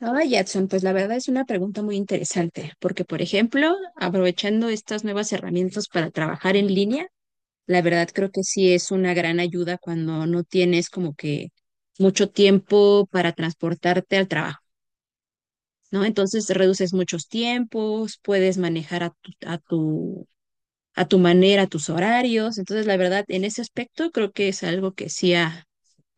Ahora, Jackson, pues la verdad es una pregunta muy interesante, porque por ejemplo, aprovechando estas nuevas herramientas para trabajar en línea, la verdad creo que sí es una gran ayuda cuando no tienes como que mucho tiempo para transportarte al trabajo, ¿no? Entonces reduces muchos tiempos, puedes manejar a tu manera tus horarios, entonces la verdad en ese aspecto creo que es algo que sí ha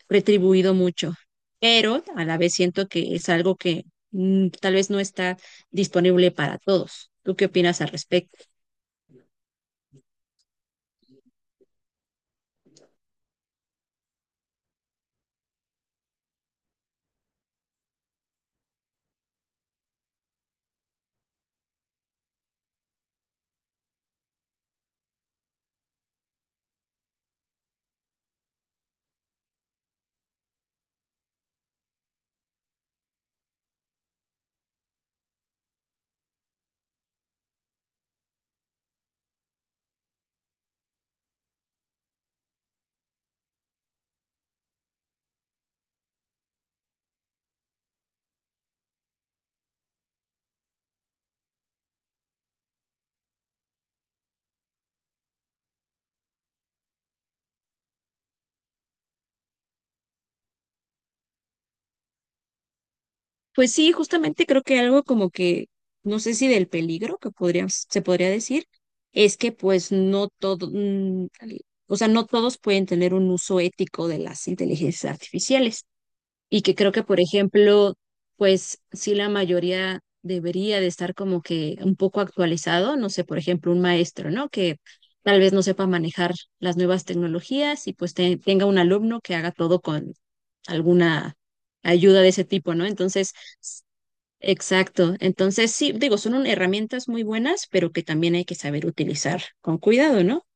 retribuido mucho, pero a la vez siento que es algo que tal vez no está disponible para todos. ¿Tú qué opinas al respecto? Pues sí, justamente creo que algo como que, no sé si del peligro que podría, se podría decir, es que pues no todo, o sea, no todos pueden tener un uso ético de las inteligencias artificiales, y que creo que, por ejemplo, pues sí la mayoría debería de estar como que un poco actualizado, no sé, por ejemplo, un maestro, ¿no? Que tal vez no sepa manejar las nuevas tecnologías y pues tenga un alumno que haga todo con alguna ayuda de ese tipo, ¿no? Entonces, s- exacto. Entonces, sí, digo, son herramientas muy buenas, pero que también hay que saber utilizar con cuidado, ¿no?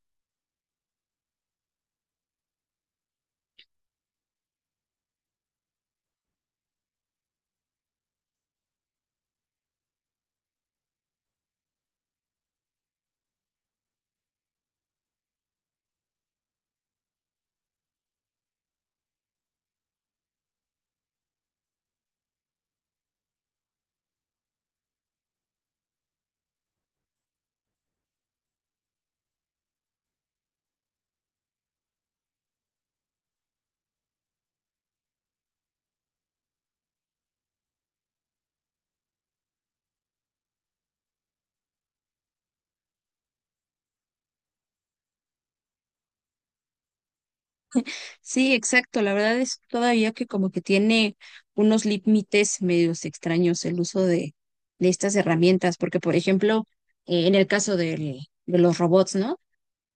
Sí, exacto. La verdad es todavía que como que tiene unos límites medios extraños el uso de estas herramientas, porque por ejemplo, en el caso de los robots, ¿no?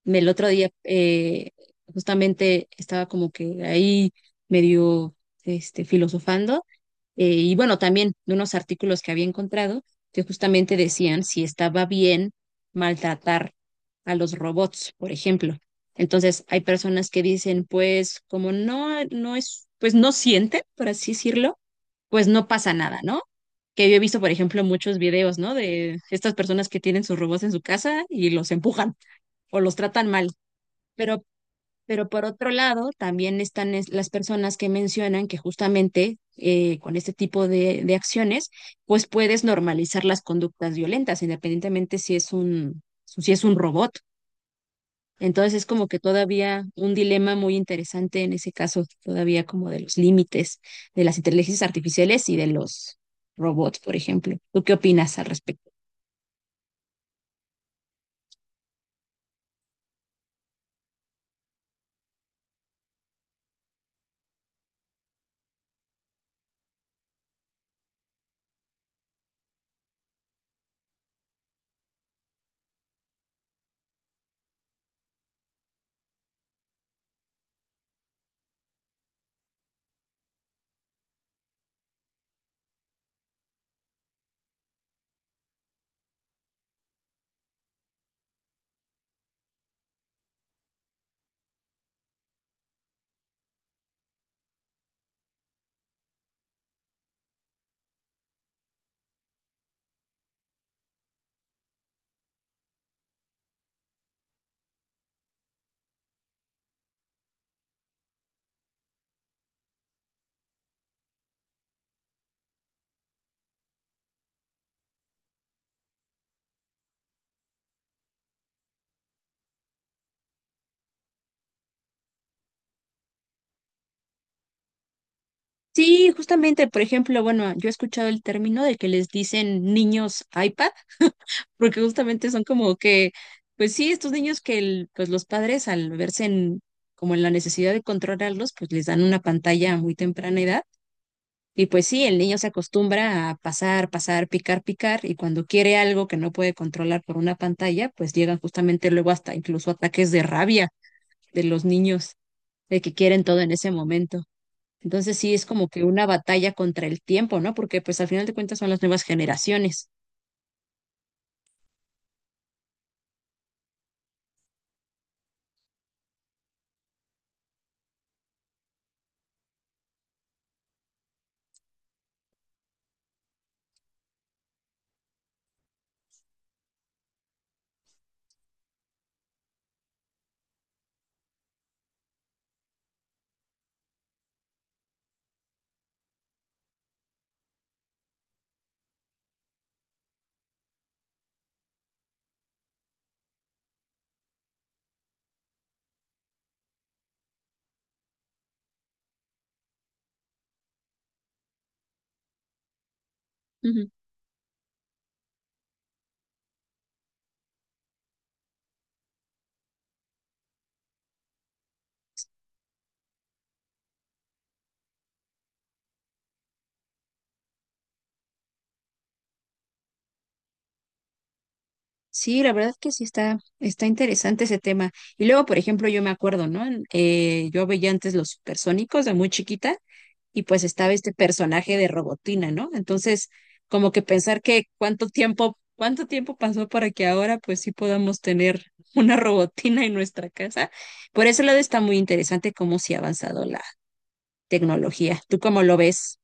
El otro día justamente estaba como que ahí medio este, filosofando, y bueno, también de unos artículos que había encontrado que justamente decían si estaba bien maltratar a los robots, por ejemplo. Entonces, hay personas que dicen, pues, como no, no es, pues no sienten, por así decirlo, pues no pasa nada, ¿no? Que yo he visto, por ejemplo, muchos videos, ¿no? De estas personas que tienen sus robots en su casa y los empujan o los tratan mal. Pero pero por otro lado, también están las personas que mencionan que justamente con este tipo de acciones, pues puedes normalizar las conductas violentas, independientemente si es un robot. Entonces es como que todavía un dilema muy interesante en ese caso, todavía como de los límites de las inteligencias artificiales y de los robots, por ejemplo. ¿Tú qué opinas al respecto? Sí, justamente, por ejemplo, bueno, yo he escuchado el término de que les dicen niños iPad porque justamente son como que, pues sí, estos niños que pues los padres al verse en, como en la necesidad de controlarlos, pues les dan una pantalla a muy temprana edad. Y pues sí, el niño se acostumbra a pasar, pasar, picar, picar, y cuando quiere algo que no puede controlar por una pantalla, pues llegan justamente luego hasta incluso ataques de rabia de los niños, de que quieren todo en ese momento. Entonces sí es como que una batalla contra el tiempo, ¿no? Porque pues al final de cuentas son las nuevas generaciones. Sí, la verdad que sí está, está interesante ese tema. Y luego, por ejemplo, yo me acuerdo, ¿no? Yo veía antes los supersónicos de muy chiquita y pues estaba este personaje de Robotina, ¿no? Entonces, como que pensar que cuánto tiempo pasó para que ahora pues sí podamos tener una Robotina en nuestra casa. Por ese lado está muy interesante cómo se ha avanzado la tecnología. ¿Tú cómo lo ves?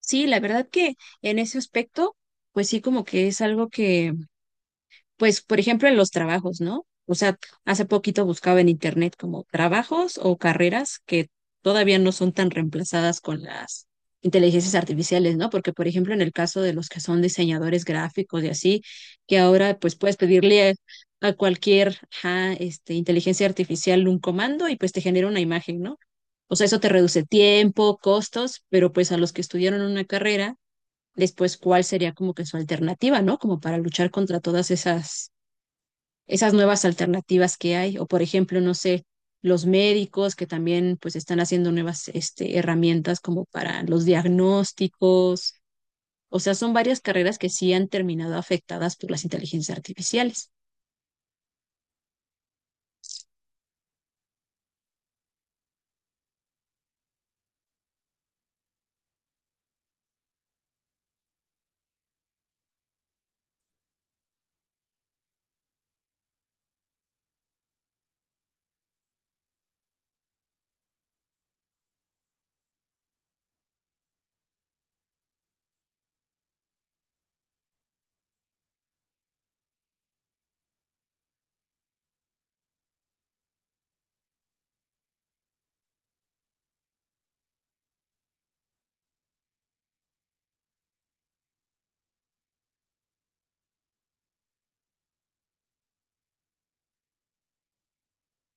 Sí, la verdad que en ese aspecto, pues sí, como que es algo que pues, por ejemplo, en los trabajos, ¿no? O sea, hace poquito buscaba en internet como trabajos o carreras que todavía no son tan reemplazadas con las inteligencias artificiales, ¿no? Porque, por ejemplo, en el caso de los que son diseñadores gráficos y así, que ahora pues puedes pedirle a cualquier ajá, este, inteligencia artificial un comando y pues te genera una imagen, ¿no? O sea, eso te reduce tiempo, costos, pero pues a los que estudiaron una carrera, después cuál sería como que su alternativa, ¿no? Como para luchar contra todas esas nuevas alternativas que hay, o por ejemplo, no sé, los médicos que también pues están haciendo nuevas este, herramientas como para los diagnósticos, o sea, son varias carreras que sí han terminado afectadas por las inteligencias artificiales.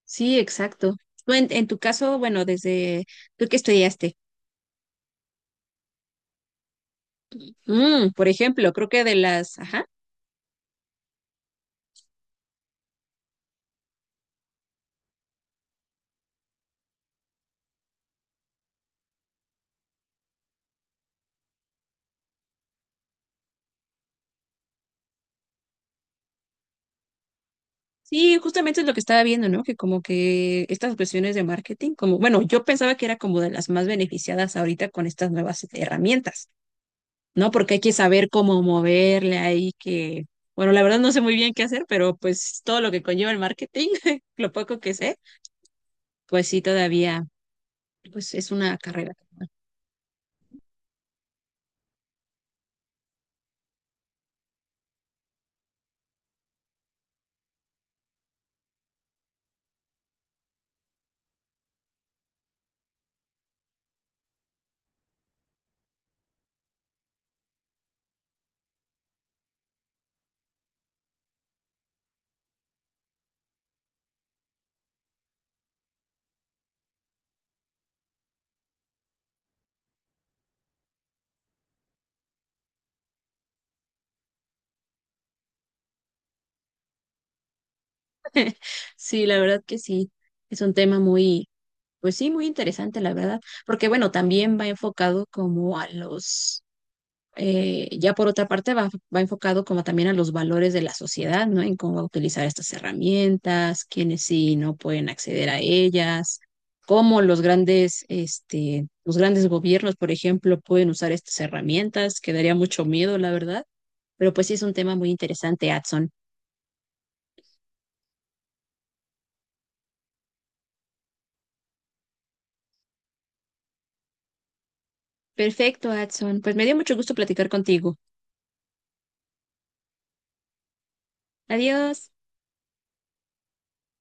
Sí, exacto. En tu caso, bueno, desde tú que estudiaste, mm, por ejemplo, creo que de las, ajá, sí, justamente es lo que estaba viendo, ¿no? Que como que estas cuestiones de marketing, como, bueno, yo pensaba que era como de las más beneficiadas ahorita con estas nuevas herramientas. ¿No? Porque hay que saber cómo moverle ahí, que, bueno, la verdad no sé muy bien qué hacer, pero pues todo lo que conlleva el marketing, lo poco que sé, pues sí, todavía, pues es una carrera. Sí, la verdad que sí, es un tema muy, pues sí, muy interesante, la verdad, porque bueno, también va enfocado como a los ya por otra parte va enfocado como también a los valores de la sociedad, ¿no? En cómo va a utilizar estas herramientas, quiénes sí y no pueden acceder a ellas, cómo los grandes, este, los grandes gobiernos, por ejemplo, pueden usar estas herramientas, que daría mucho miedo, la verdad. Pero pues sí es un tema muy interesante, Adson. Perfecto, Adson. Pues me dio mucho gusto platicar contigo. Adiós.